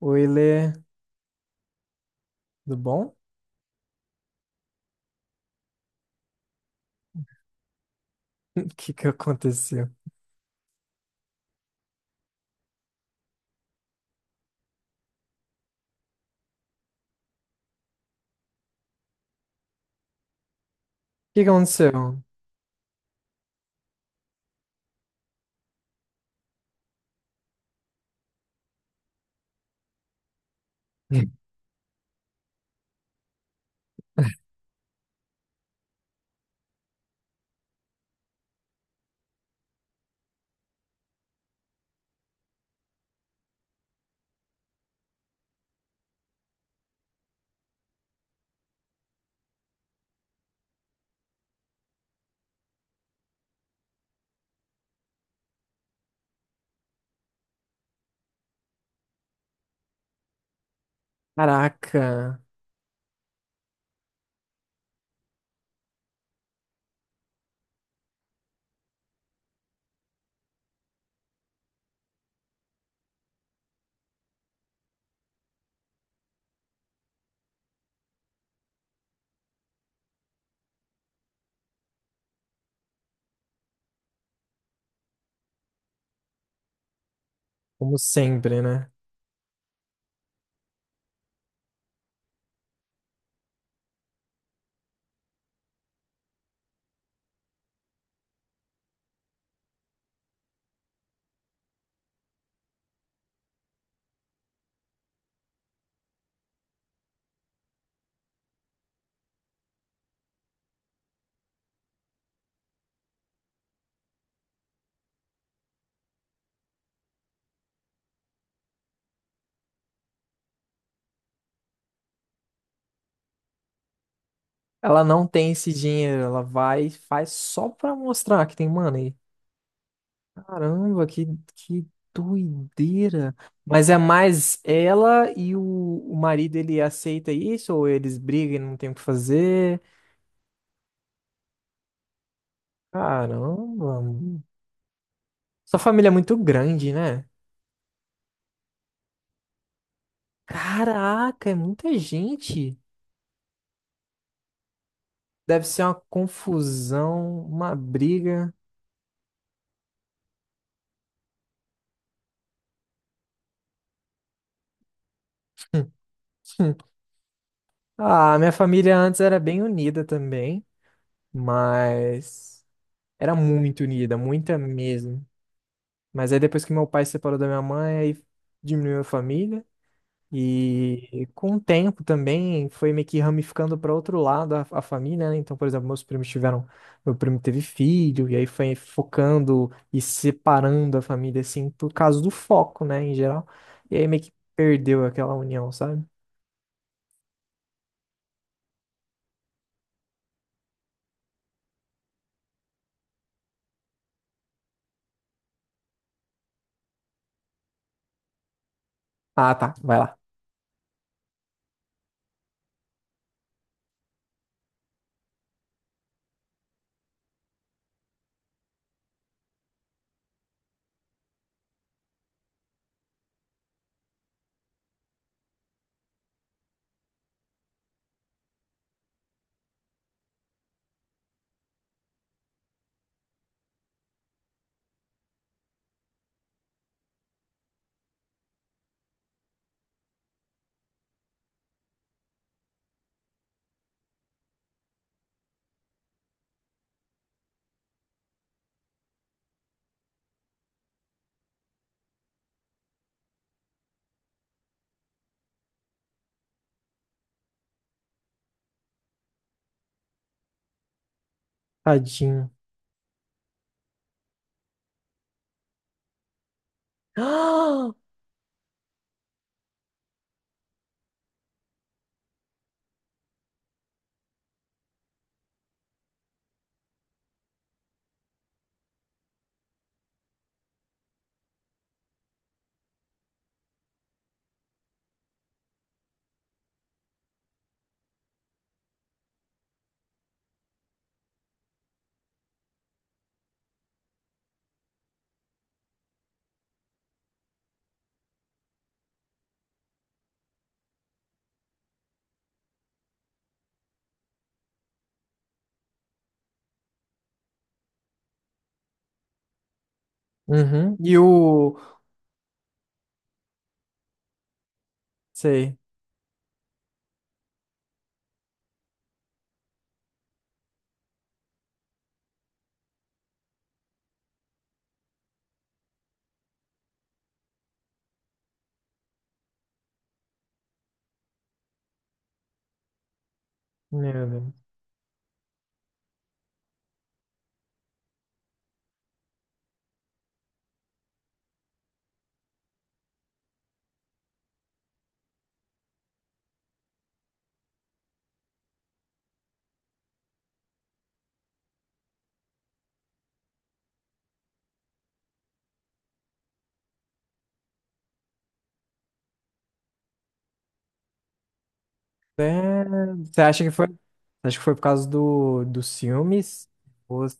Oi, Lê, tudo bom? O que que aconteceu? O que que aconteceu? Caraca, como sempre, né? Ela não tem esse dinheiro, ela vai e faz só pra mostrar que tem money. Caramba, que doideira. Mas é mais ela e o marido, ele aceita isso? Ou eles brigam e não tem o que fazer? Caramba, sua família é muito grande, né? Caraca, é muita gente. Deve ser uma confusão, uma briga. Hum. Ah, minha família antes era bem unida também, mas era muito unida, muita mesmo. Mas aí depois que meu pai se separou da minha mãe, aí diminuiu a família. E com o tempo também foi meio que ramificando para outro lado a família, né? Então, por exemplo, meu primo teve filho, e aí foi focando e separando a família, assim, por causa do foco, né, em geral. E aí meio que perdeu aquela união, sabe? Ah, tá, vai lá. Tadinho. Uhum. E o. Sei. Meu Deus. É, você acha que foi? Acho que foi por causa dos ciúmes? Você.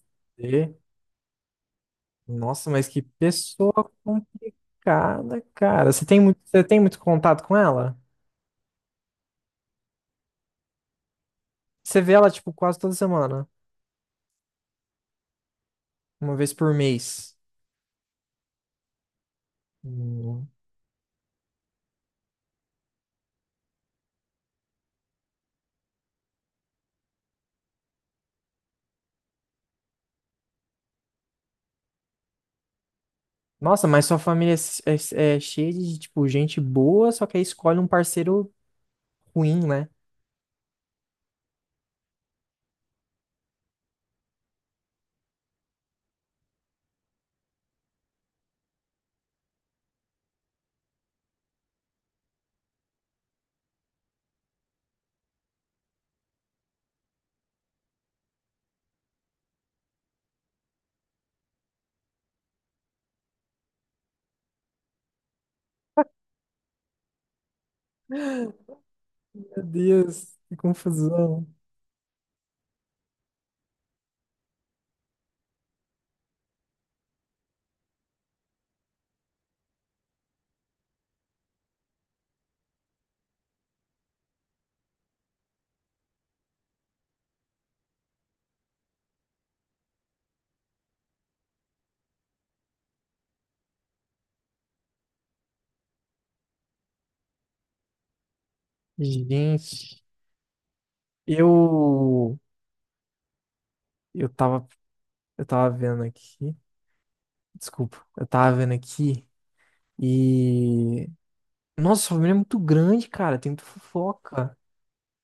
Nossa, mas que pessoa complicada, cara. Você tem muito contato com ela? Você vê ela, tipo, quase toda semana, uma vez por mês. Hum. Nossa, mas sua família é cheia de, tipo, gente boa, só que aí escolhe um parceiro ruim, né? Meu Deus, que confusão. Gente, eu eu tava eu tava vendo aqui, desculpa, eu tava vendo aqui e nossa, sua família é muito grande, cara, tem muita fofoca.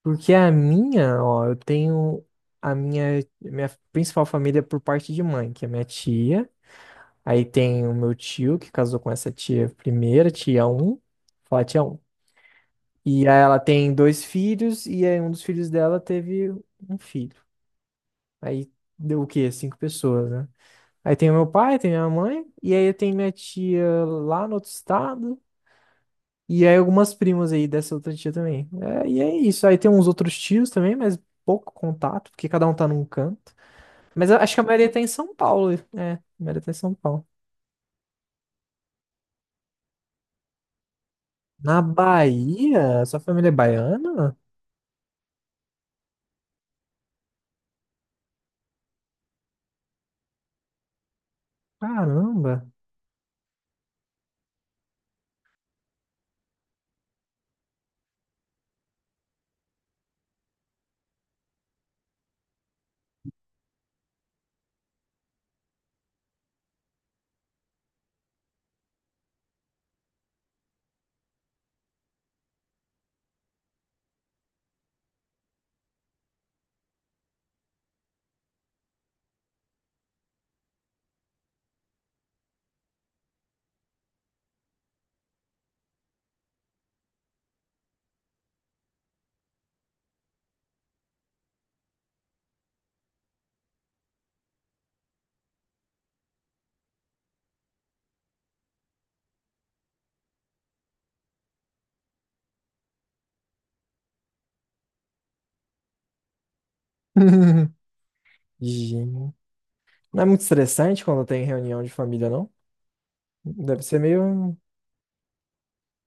Porque ó, eu tenho minha principal família é por parte de mãe, que é minha tia. Aí tem o meu tio, que casou com essa tia primeira, tia um. Fala, tia um. E aí ela tem dois filhos, e aí um dos filhos dela teve um filho. Aí deu o quê? Cinco pessoas, né? Aí tem o meu pai, tem minha mãe, e aí tem minha tia lá no outro estado. E aí algumas primas aí dessa outra tia também. É, e é isso. Aí tem uns outros tios também, mas pouco contato, porque cada um tá num canto. Mas eu acho que a maioria tá em São Paulo. É, a maioria tá em São Paulo. Na Bahia? Sua família é baiana? Caramba. Gente. Não é muito estressante quando tem reunião de família, não? Deve ser meio.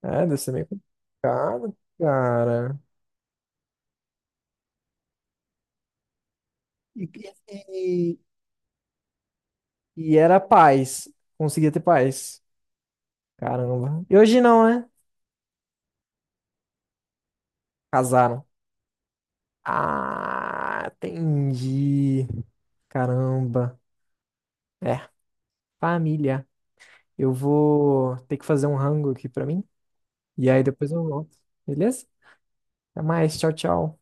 É, deve ser meio complicado, cara. E, e, e era paz. Conseguia ter paz. Caramba. E hoje não, né? Casaram. Ah, entendi. Caramba. É, família. Eu vou ter que fazer um rango aqui pra mim. E aí depois eu volto. Beleza? Até mais. Tchau, tchau.